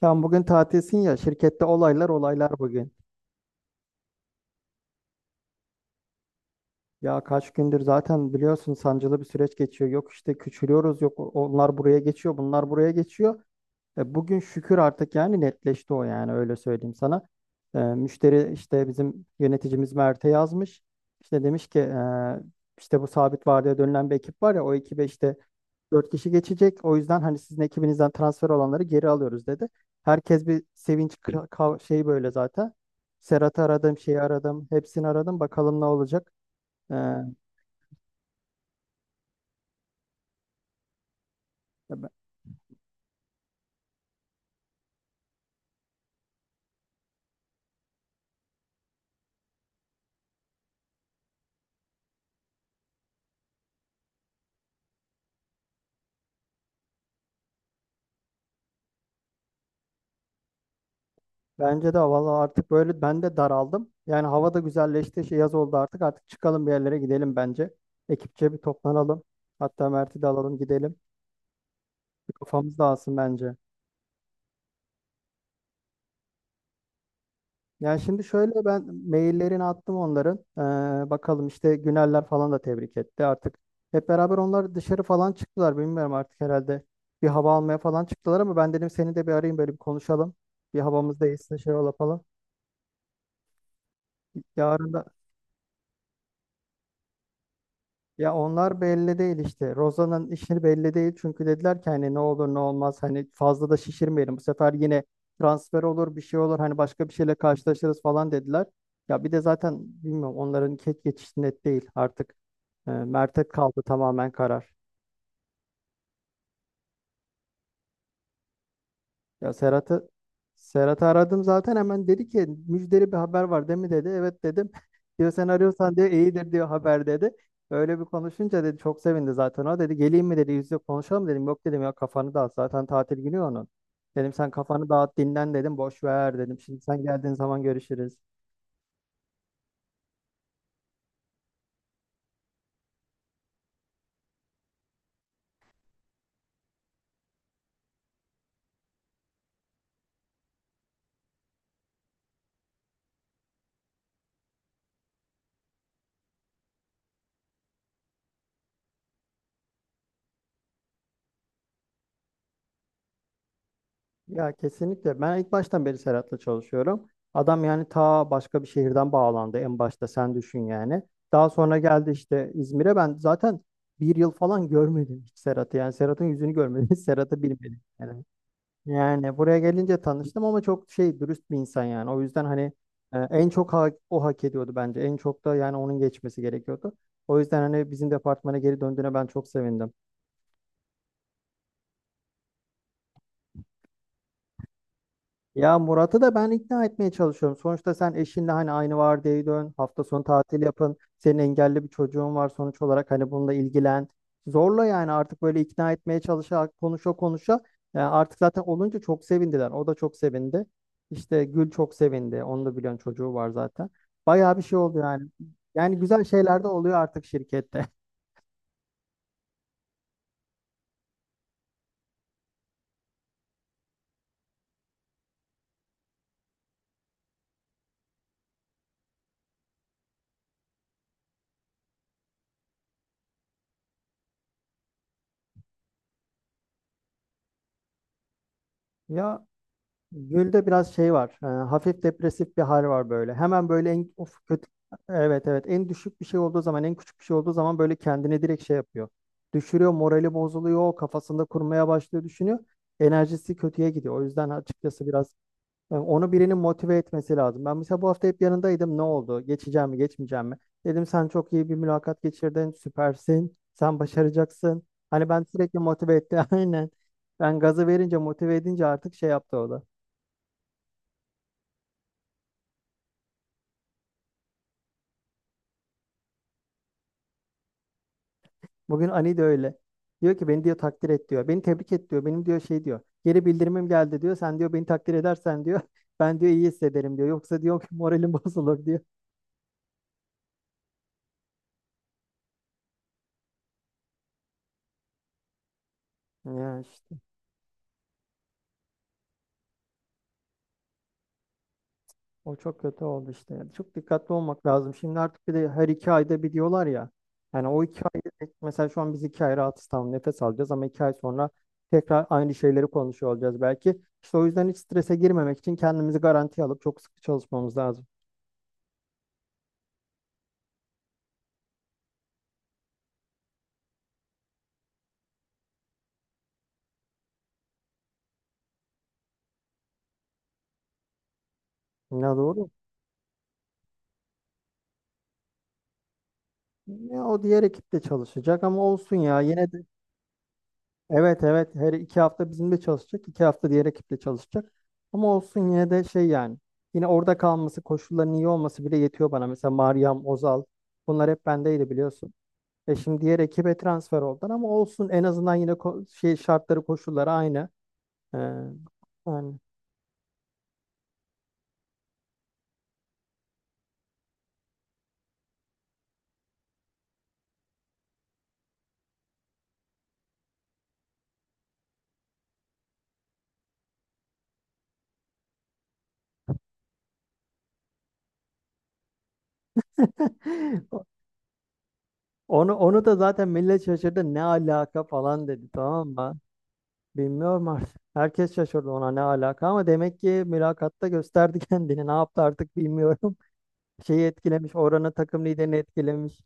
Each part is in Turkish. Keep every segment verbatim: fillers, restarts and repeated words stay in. Sen bugün tatilsin ya, şirkette olaylar olaylar bugün. Ya kaç gündür zaten biliyorsun, sancılı bir süreç geçiyor. Yok işte küçülüyoruz, yok onlar buraya geçiyor, bunlar buraya geçiyor. E, bugün şükür artık yani netleşti o, yani öyle söyleyeyim sana. E, müşteri işte bizim yöneticimiz Mert'e yazmış. İşte demiş ki e, işte bu sabit vardiya dönülen bir ekip var ya, o ekibe işte dört kişi geçecek. O yüzden hani sizin ekibinizden transfer olanları geri alıyoruz dedi. Herkes bir sevinç ka- ka- şey böyle zaten. Serhat'ı aradım, şeyi aradım, hepsini aradım. Bakalım ne olacak. Ee, ben- Bence de valla artık böyle ben de daraldım. Yani hava da güzelleşti. Şey, yaz oldu artık. Artık çıkalım, bir yerlere gidelim bence. Ekipçe bir toplanalım. Hatta Mert'i de alalım gidelim. Bir kafamız dağılsın bence. Yani şimdi şöyle, ben maillerini attım onların. Ee, bakalım işte Güneller falan da tebrik etti artık. Hep beraber onlar dışarı falan çıktılar. Bilmiyorum artık herhalde. Bir hava almaya falan çıktılar ama ben dedim seni de bir arayayım, böyle bir konuşalım. Bir havamız değilse şey ola falan. Yarın da Ya onlar belli değil işte. Rozan'ın işi belli değil. Çünkü dediler ki hani ne olur ne olmaz, hani fazla da şişirmeyelim. Bu sefer yine transfer olur, bir şey olur, hani başka bir şeyle karşılaşırız falan dediler. Ya bir de zaten bilmiyorum, onların ket geçişi net değil artık. E, Mert'e kaldı tamamen karar. Ya Serhat'ı Serhat'ı aradım zaten, hemen dedi ki müjdeli bir haber var değil mi dedi. Evet dedim. Diyor sen arıyorsan diyor iyidir diyor haber dedi. Öyle bir konuşunca dedi, çok sevindi zaten o dedi, geleyim mi dedi, yüz yüze konuşalım dedim. Yok dedim ya, kafanı dağıt, zaten tatil günü ya onun. Dedim sen kafanı dağıt, dinlen dedim, boş ver dedim. Şimdi sen geldiğin zaman görüşürüz. Ya kesinlikle. Ben ilk baştan beri Serhat'la çalışıyorum. Adam yani ta başka bir şehirden bağlandı en başta, sen düşün yani. Daha sonra geldi işte İzmir'e, ben zaten bir yıl falan görmedim hiç Serhat'ı. Yani Serhat'ın yüzünü görmedim. Serhat'ı bilmedim yani. Yani buraya gelince tanıştım ama çok şey, dürüst bir insan yani. O yüzden hani e, en çok ha- o hak ediyordu bence. En çok da yani onun geçmesi gerekiyordu. O yüzden hani bizim departmana geri döndüğüne ben çok sevindim. Ya Murat'ı da ben ikna etmeye çalışıyorum. Sonuçta sen eşinle hani aynı vardiyaya dön, hafta sonu tatil yapın. Senin engelli bir çocuğun var sonuç olarak, hani bununla ilgilen. Zorla yani artık böyle, ikna etmeye çalışa, konuşa konuşa. Yani artık zaten olunca çok sevindiler. O da çok sevindi. İşte Gül çok sevindi. Onu da biliyorsun, çocuğu var zaten. Bayağı bir şey oldu yani. Yani güzel şeyler de oluyor artık şirkette. Ya Gül'de biraz şey var. E, hafif depresif bir hal var böyle. Hemen böyle en of, kötü, evet evet, en düşük bir şey olduğu zaman, en küçük bir şey olduğu zaman böyle kendini direkt şey yapıyor. Düşürüyor, morali bozuluyor, kafasında kurmaya başlıyor, düşünüyor. Enerjisi kötüye gidiyor. O yüzden açıkçası biraz e, onu birinin motive etmesi lazım. Ben mesela bu hafta hep yanındaydım. Ne oldu? Geçeceğim mi, geçmeyeceğim mi? Dedim sen çok iyi bir mülakat geçirdin, süpersin. Sen başaracaksın. Hani ben sürekli motive etti. Aynen. Ben gazı verince, motive edince artık şey yaptı o da. Bugün Ali de öyle. Diyor ki beni diyor takdir et diyor. Beni tebrik et diyor. Benim diyor şey diyor. Geri bildirimim geldi diyor. Sen diyor beni takdir edersen diyor. Ben diyor iyi hissederim diyor. Yoksa diyor ki moralim bozulur diyor. Ya işte o çok kötü oldu işte. Yani çok dikkatli olmak lazım. Şimdi artık bir de her iki ayda bir diyorlar ya. Yani o iki ay mesela şu an biz iki ay rahatız, tamam, nefes alacağız ama iki ay sonra tekrar aynı şeyleri konuşuyor olacağız belki. İşte o yüzden hiç strese girmemek için kendimizi garantiye alıp çok sıkı çalışmamız lazım. Ne doğru. Ya o diğer ekip de çalışacak ama olsun ya, yine de evet evet, her iki hafta bizimle çalışacak, iki hafta diğer ekiple çalışacak ama olsun yine de şey yani, yine orada kalması, koşulların iyi olması bile yetiyor bana. Mesela Meryem Ozal, bunlar hep bendeydi biliyorsun. E şimdi diğer ekibe transfer oldular ama olsun, en azından yine ko- şey, şartları koşulları aynı. Ee, yani onu onu da zaten millet şaşırdı, ne alaka falan dedi, tamam mı? Bilmiyorum artık. Herkes şaşırdı ona, ne alaka ama demek ki mülakatta gösterdi kendini. Ne yaptı artık bilmiyorum. Şeyi etkilemiş, oranın takım liderini etkilemiş.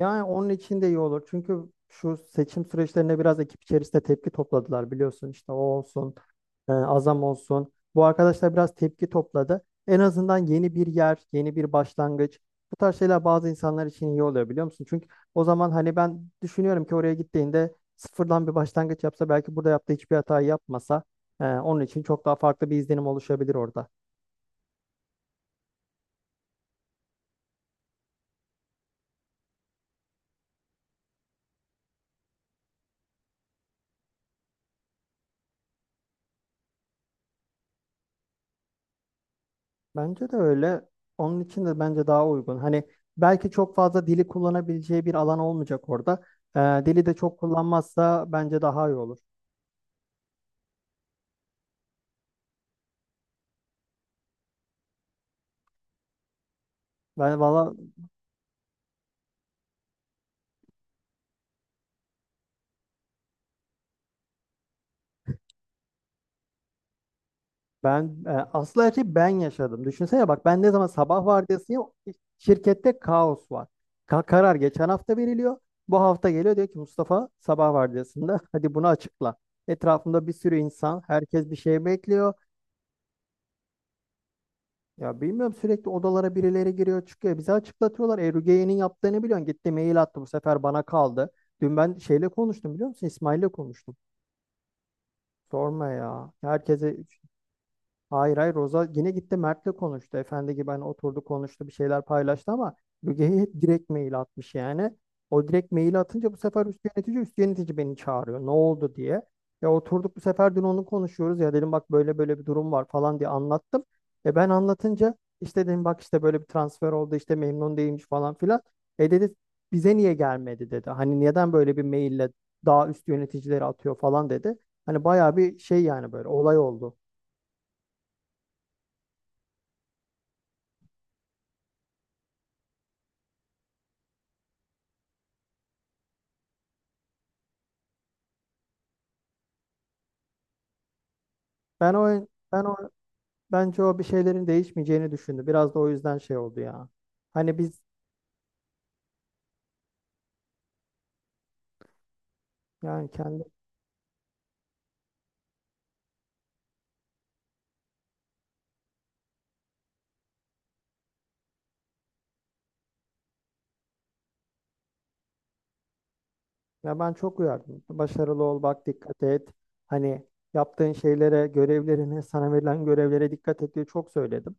Yani onun için de iyi olur. Çünkü şu seçim süreçlerinde biraz ekip içerisinde tepki topladılar biliyorsun. İşte o olsun. e, Azam olsun. Bu arkadaşlar biraz tepki topladı. En azından yeni bir yer, yeni bir başlangıç. Bu tarz şeyler bazı insanlar için iyi oluyor biliyor musun? Çünkü o zaman hani ben düşünüyorum ki oraya gittiğinde sıfırdan bir başlangıç yapsa, belki burada yaptığı hiçbir hatayı yapmasa, e, onun için çok daha farklı bir izlenim oluşabilir orada. Bence de öyle. Onun için de bence daha uygun. Hani belki çok fazla dili kullanabileceği bir alan olmayacak orada. Ee, Dili de çok kullanmazsa bence daha iyi olur. Ben valla ben e, Asıl her şeyi ben yaşadım. Düşünsene bak, ben ne zaman sabah vardiyasıyım, şirkette kaos var. Ka- karar geçen hafta veriliyor. Bu hafta geliyor, diyor ki Mustafa sabah vardiyasında hadi bunu açıkla. Etrafımda bir sürü insan, herkes bir şey bekliyor. Ya bilmiyorum, sürekli odalara birileri giriyor çıkıyor. Bize açıklatıyorlar. E, Rugeye'nin yaptığını biliyorsun. Gitti mail attı, bu sefer bana kaldı. Dün ben şeyle konuştum biliyor musun? İsmail'le konuştum. Sorma ya. Herkese… Hayır hayır, Roza yine gitti Mert'le konuştu. Efendi gibi hani oturdu, konuştu, bir şeyler paylaştı ama Müge'ye hep direkt mail atmış yani. O direkt maili atınca bu sefer üst yönetici üst yönetici beni çağırıyor ne oldu diye. Ya oturduk bu sefer dün, onu konuşuyoruz ya, dedim bak böyle böyle bir durum var falan diye anlattım. E ben anlatınca işte dedim bak işte böyle bir transfer oldu, işte memnun değilmiş falan filan. E dedi bize niye gelmedi dedi. Hani neden böyle bir maille daha üst yöneticileri atıyor falan dedi. Hani bayağı bir şey yani, böyle olay oldu. Ben o ben o Bence o bir şeylerin değişmeyeceğini düşündü. Biraz da o yüzden şey oldu ya. Hani biz yani kendi Ya ben çok uyardım. Başarılı ol, bak dikkat et. Hani yaptığın şeylere, görevlerine, sana verilen görevlere dikkat et diye çok söyledim.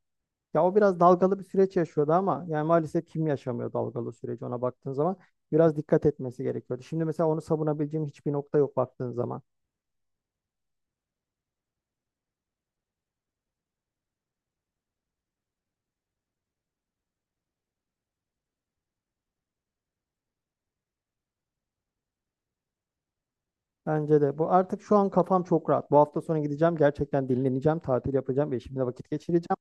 Ya o biraz dalgalı bir süreç yaşıyordu ama yani maalesef kim yaşamıyor dalgalı süreci, ona baktığın zaman biraz dikkat etmesi gerekiyordu. Şimdi mesela onu savunabileceğim hiçbir nokta yok baktığın zaman. Bence de bu artık, şu an kafam çok rahat. Bu hafta sonu gideceğim, gerçekten dinleneceğim, tatil yapacağım ve eşimle vakit geçireceğim.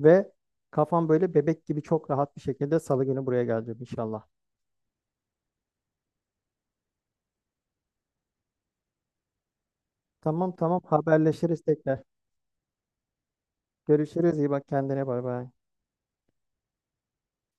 Ve kafam böyle bebek gibi çok rahat bir şekilde salı günü buraya geleceğim inşallah. Tamam tamam, haberleşiriz tekrar. Görüşürüz, iyi bak kendine, bay bay.